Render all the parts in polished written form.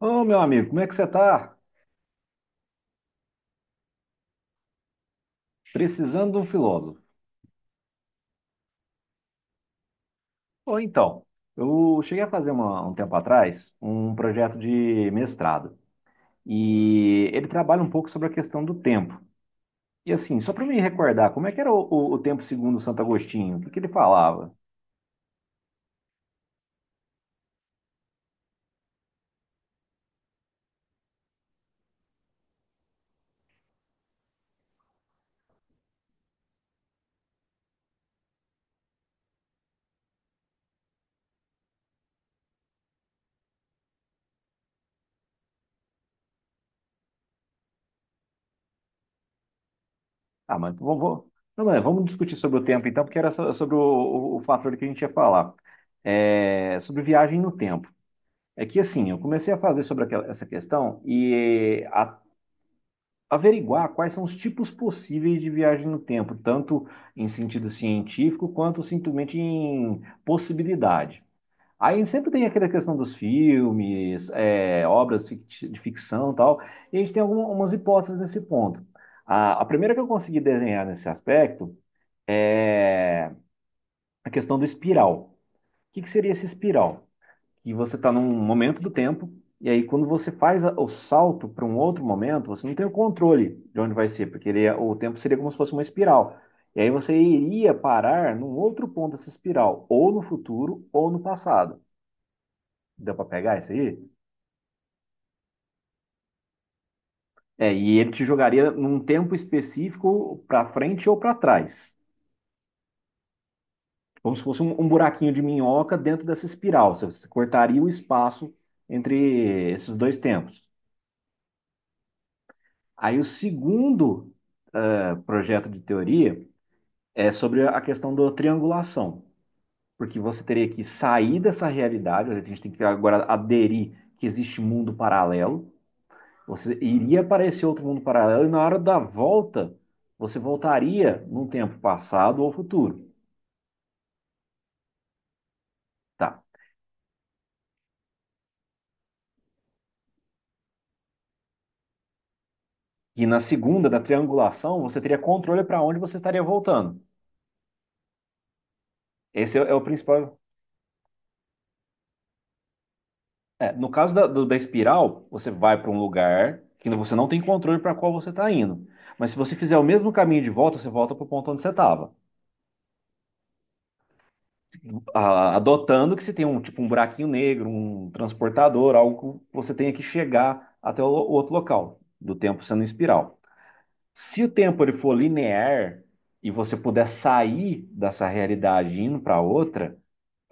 Ô, meu amigo, como é que você está? Precisando de um filósofo. Ou então, eu cheguei a fazer um tempo atrás um projeto de mestrado e ele trabalha um pouco sobre a questão do tempo. E assim, só para me recordar, como é que era o tempo segundo Santo Agostinho? O que que ele falava? Ah, mas não, não, é, vamos discutir sobre o tempo então, porque era sobre o fator que a gente ia falar. É, sobre viagem no tempo. É que assim, eu comecei a fazer sobre essa questão e a averiguar quais são os tipos possíveis de viagem no tempo, tanto em sentido científico quanto simplesmente em possibilidade. Aí sempre tem aquela questão dos filmes, é, obras de ficção e tal, e a gente tem algumas hipóteses nesse ponto. A primeira que eu consegui desenhar nesse aspecto é a questão do espiral. O que que seria esse espiral? E você está num momento do tempo, e aí quando você faz o salto para um outro momento, você não tem o controle de onde vai ser, porque o tempo seria como se fosse uma espiral. E aí você iria parar num outro ponto dessa espiral, ou no futuro, ou no passado. Deu para pegar isso aí? É, e ele te jogaria num tempo específico para frente ou para trás. Como se fosse um buraquinho de minhoca dentro dessa espiral. Você cortaria o espaço entre esses dois tempos. Aí o segundo projeto de teoria é sobre a questão da triangulação, porque você teria que sair dessa realidade, a gente tem que agora aderir que existe mundo paralelo, você iria para esse outro mundo paralelo e na hora da volta você voltaria num tempo passado ou futuro, tá? E na segunda da triangulação você teria controle para onde você estaria voltando. Esse é, é o principal. É, no caso da espiral, você vai para um lugar que você não tem controle para qual você está indo. Mas se você fizer o mesmo caminho de volta, você volta para o ponto onde você estava. Adotando que você tem um tipo um buraquinho negro, um transportador, algo que você tenha que chegar até o outro local, do tempo sendo em espiral. Se o tempo ele for linear e você puder sair dessa realidade e indo para outra,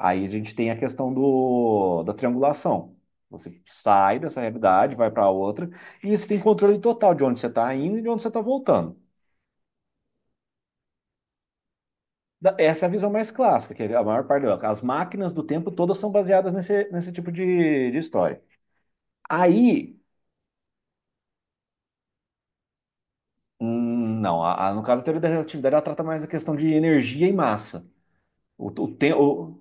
aí a gente tem a questão da triangulação. Você sai dessa realidade, vai para outra, e você tem controle total de onde você está indo e de onde você está voltando. Essa é a visão mais clássica, que é a maior parte. As máquinas do tempo todas são baseadas nesse tipo de história. Aí, não, no caso da teoria da relatividade, ela trata mais a questão de energia e massa. O, o, te- o,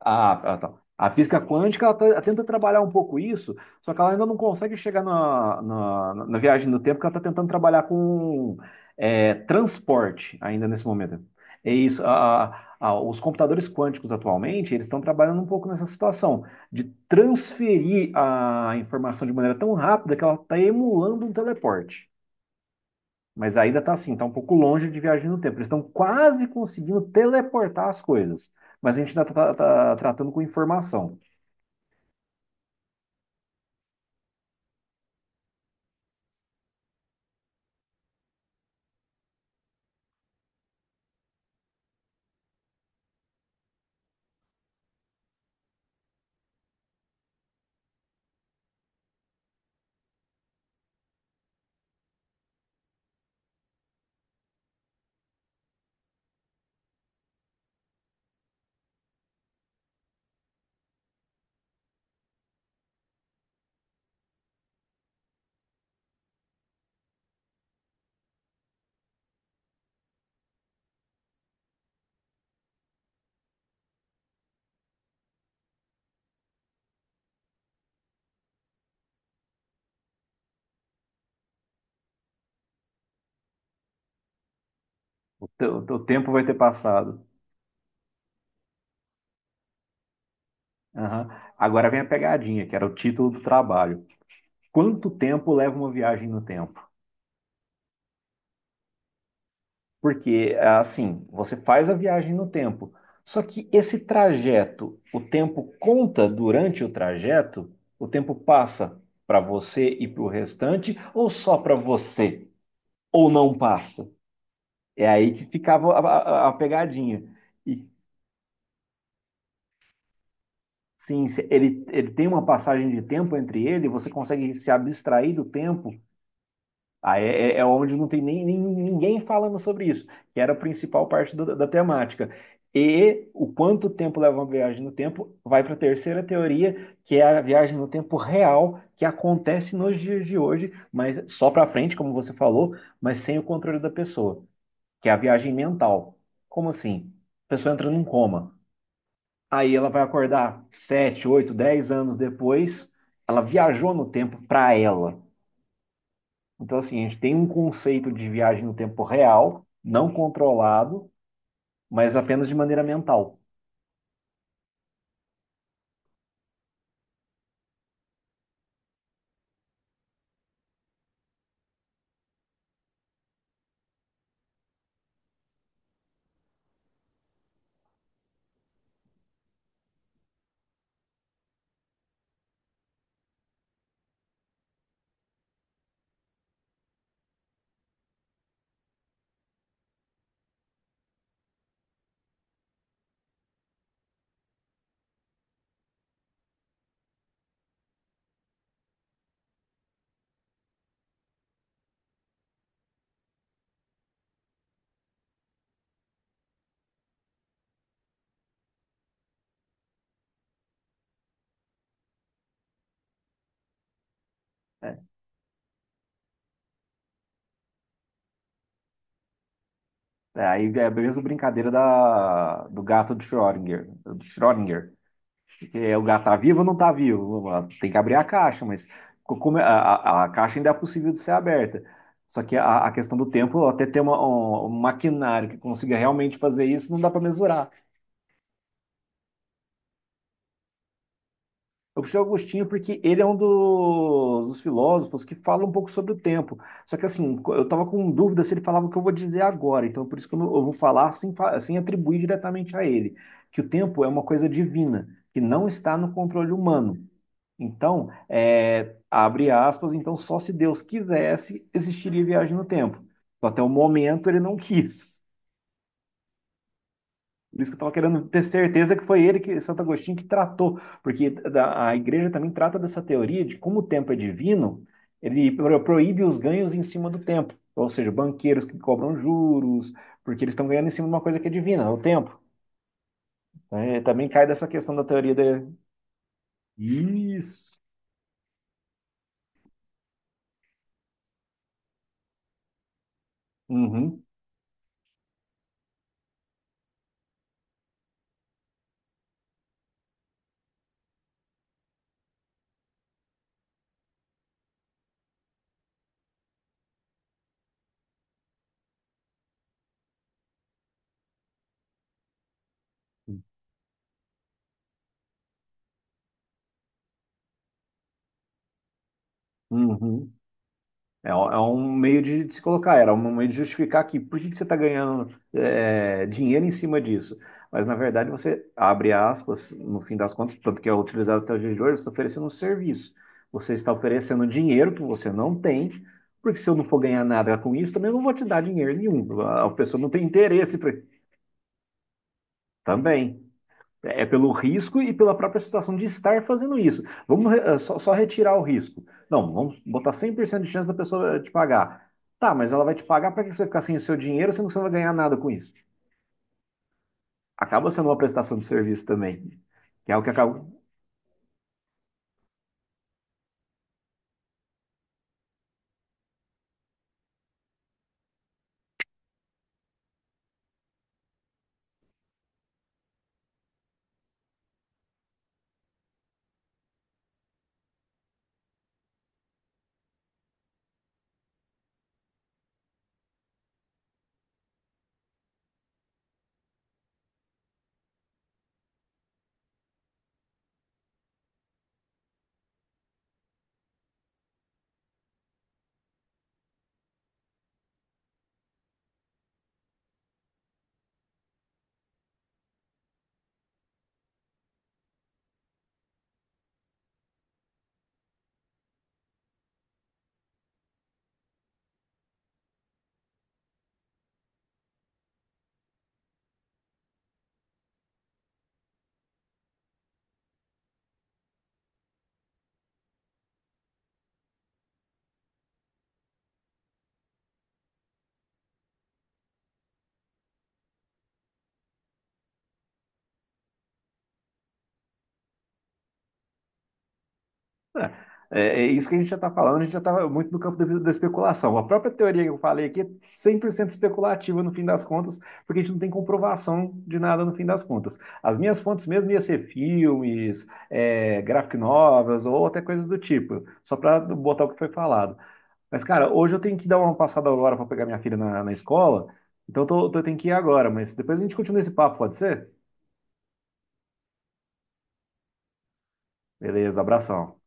Ah, ah, tá. A física quântica ela, ela tenta trabalhar um pouco isso, só que ela ainda não consegue chegar na viagem no tempo, porque ela está tentando trabalhar com é, transporte ainda nesse momento. É isso. A- os computadores quânticos atualmente, eles estão trabalhando um pouco nessa situação de transferir a informação de maneira tão rápida que ela está emulando um teleporte. Mas ainda tá assim, tá um pouco longe de viagem no tempo. Eles estão quase conseguindo teleportar as coisas. Mas a gente ainda tá tratando com informação. O tempo vai ter passado. Aham. Agora vem a pegadinha, que era o título do trabalho. Quanto tempo leva uma viagem no tempo? Porque, assim, você faz a viagem no tempo. Só que esse trajeto, o tempo conta durante o trajeto? O tempo passa para você e para o restante, ou só para você? Ou não passa? É aí que ficava a pegadinha. E sim, se ele tem uma passagem de tempo entre ele, você consegue se abstrair do tempo. Aí é, é onde não tem ninguém falando sobre isso, que era a principal parte da temática. E o quanto tempo leva uma viagem no tempo vai para a terceira teoria, que é a viagem no tempo real, que acontece nos dias de hoje, mas só para frente, como você falou, mas sem o controle da pessoa, que é a viagem mental. Como assim? A pessoa entra num coma. Aí ela vai acordar 7, 8, 10 anos depois, ela viajou no tempo para ela. Então, assim, a gente tem um conceito de viagem no tempo real, não controlado, mas apenas de maneira mental. Né? É, aí é a mesma brincadeira da, do gato de Schrödinger. Do Schrödinger. Que é, o gato tá vivo ou não está vivo? Tem que abrir a caixa, mas como é- a caixa ainda é possível de ser aberta. Só que a questão do tempo, até ter um maquinário que consiga realmente fazer isso, não dá para mesurar. Eu puxei o Agostinho porque ele é um dos filósofos que fala um pouco sobre o tempo. Só que assim, eu estava com dúvida se ele falava o que eu vou dizer agora, então por isso que eu vou falar sem, sem atribuir diretamente a ele, que o tempo é uma coisa divina, que não está no controle humano. Então, é, abre aspas, então só se Deus quisesse, existiria viagem no tempo. Só até o momento ele não quis. Por isso que eu estava querendo ter certeza que foi ele, que Santo Agostinho, que tratou, porque a igreja também trata dessa teoria de como o tempo é divino, ele proíbe os ganhos em cima do tempo, ou seja, banqueiros que cobram juros, porque eles estão ganhando em cima de uma coisa que é divina, é o tempo. Então, é, também cai dessa questão da teoria da... Isso! Uhum, uhum. É, é um meio de se colocar, era um meio de justificar que por que que você está ganhando é, dinheiro em cima disso? Mas, na verdade, você abre aspas, no fim das contas, tanto que é utilizado até o dia de hoje, você está oferecendo um serviço. Você está oferecendo dinheiro que você não tem, porque se eu não for ganhar nada com isso, também eu não vou te dar dinheiro nenhum. A pessoa não tem interesse também. É pelo risco e pela própria situação de estar fazendo isso. Vamos só retirar o risco. Não, vamos botar 100% de chance da pessoa te pagar. Tá, mas ela vai te pagar, para que você vai ficar sem o seu dinheiro, sendo que você não vai ganhar nada com isso? Acaba sendo uma prestação de serviço também, que é o que acaba. É, é isso que a gente já está falando, a gente já está muito no campo da especulação. A própria teoria que eu falei aqui é 100% especulativa no fim das contas, porque a gente não tem comprovação de nada no fim das contas. As minhas fontes mesmo iam ser filmes, é, graphic novels ou até coisas do tipo, só para botar o que foi falado. Mas, cara, hoje eu tenho que dar uma passada agora para pegar minha filha na escola, então eu tenho que ir agora, mas depois a gente continua esse papo, pode ser? Beleza, abração.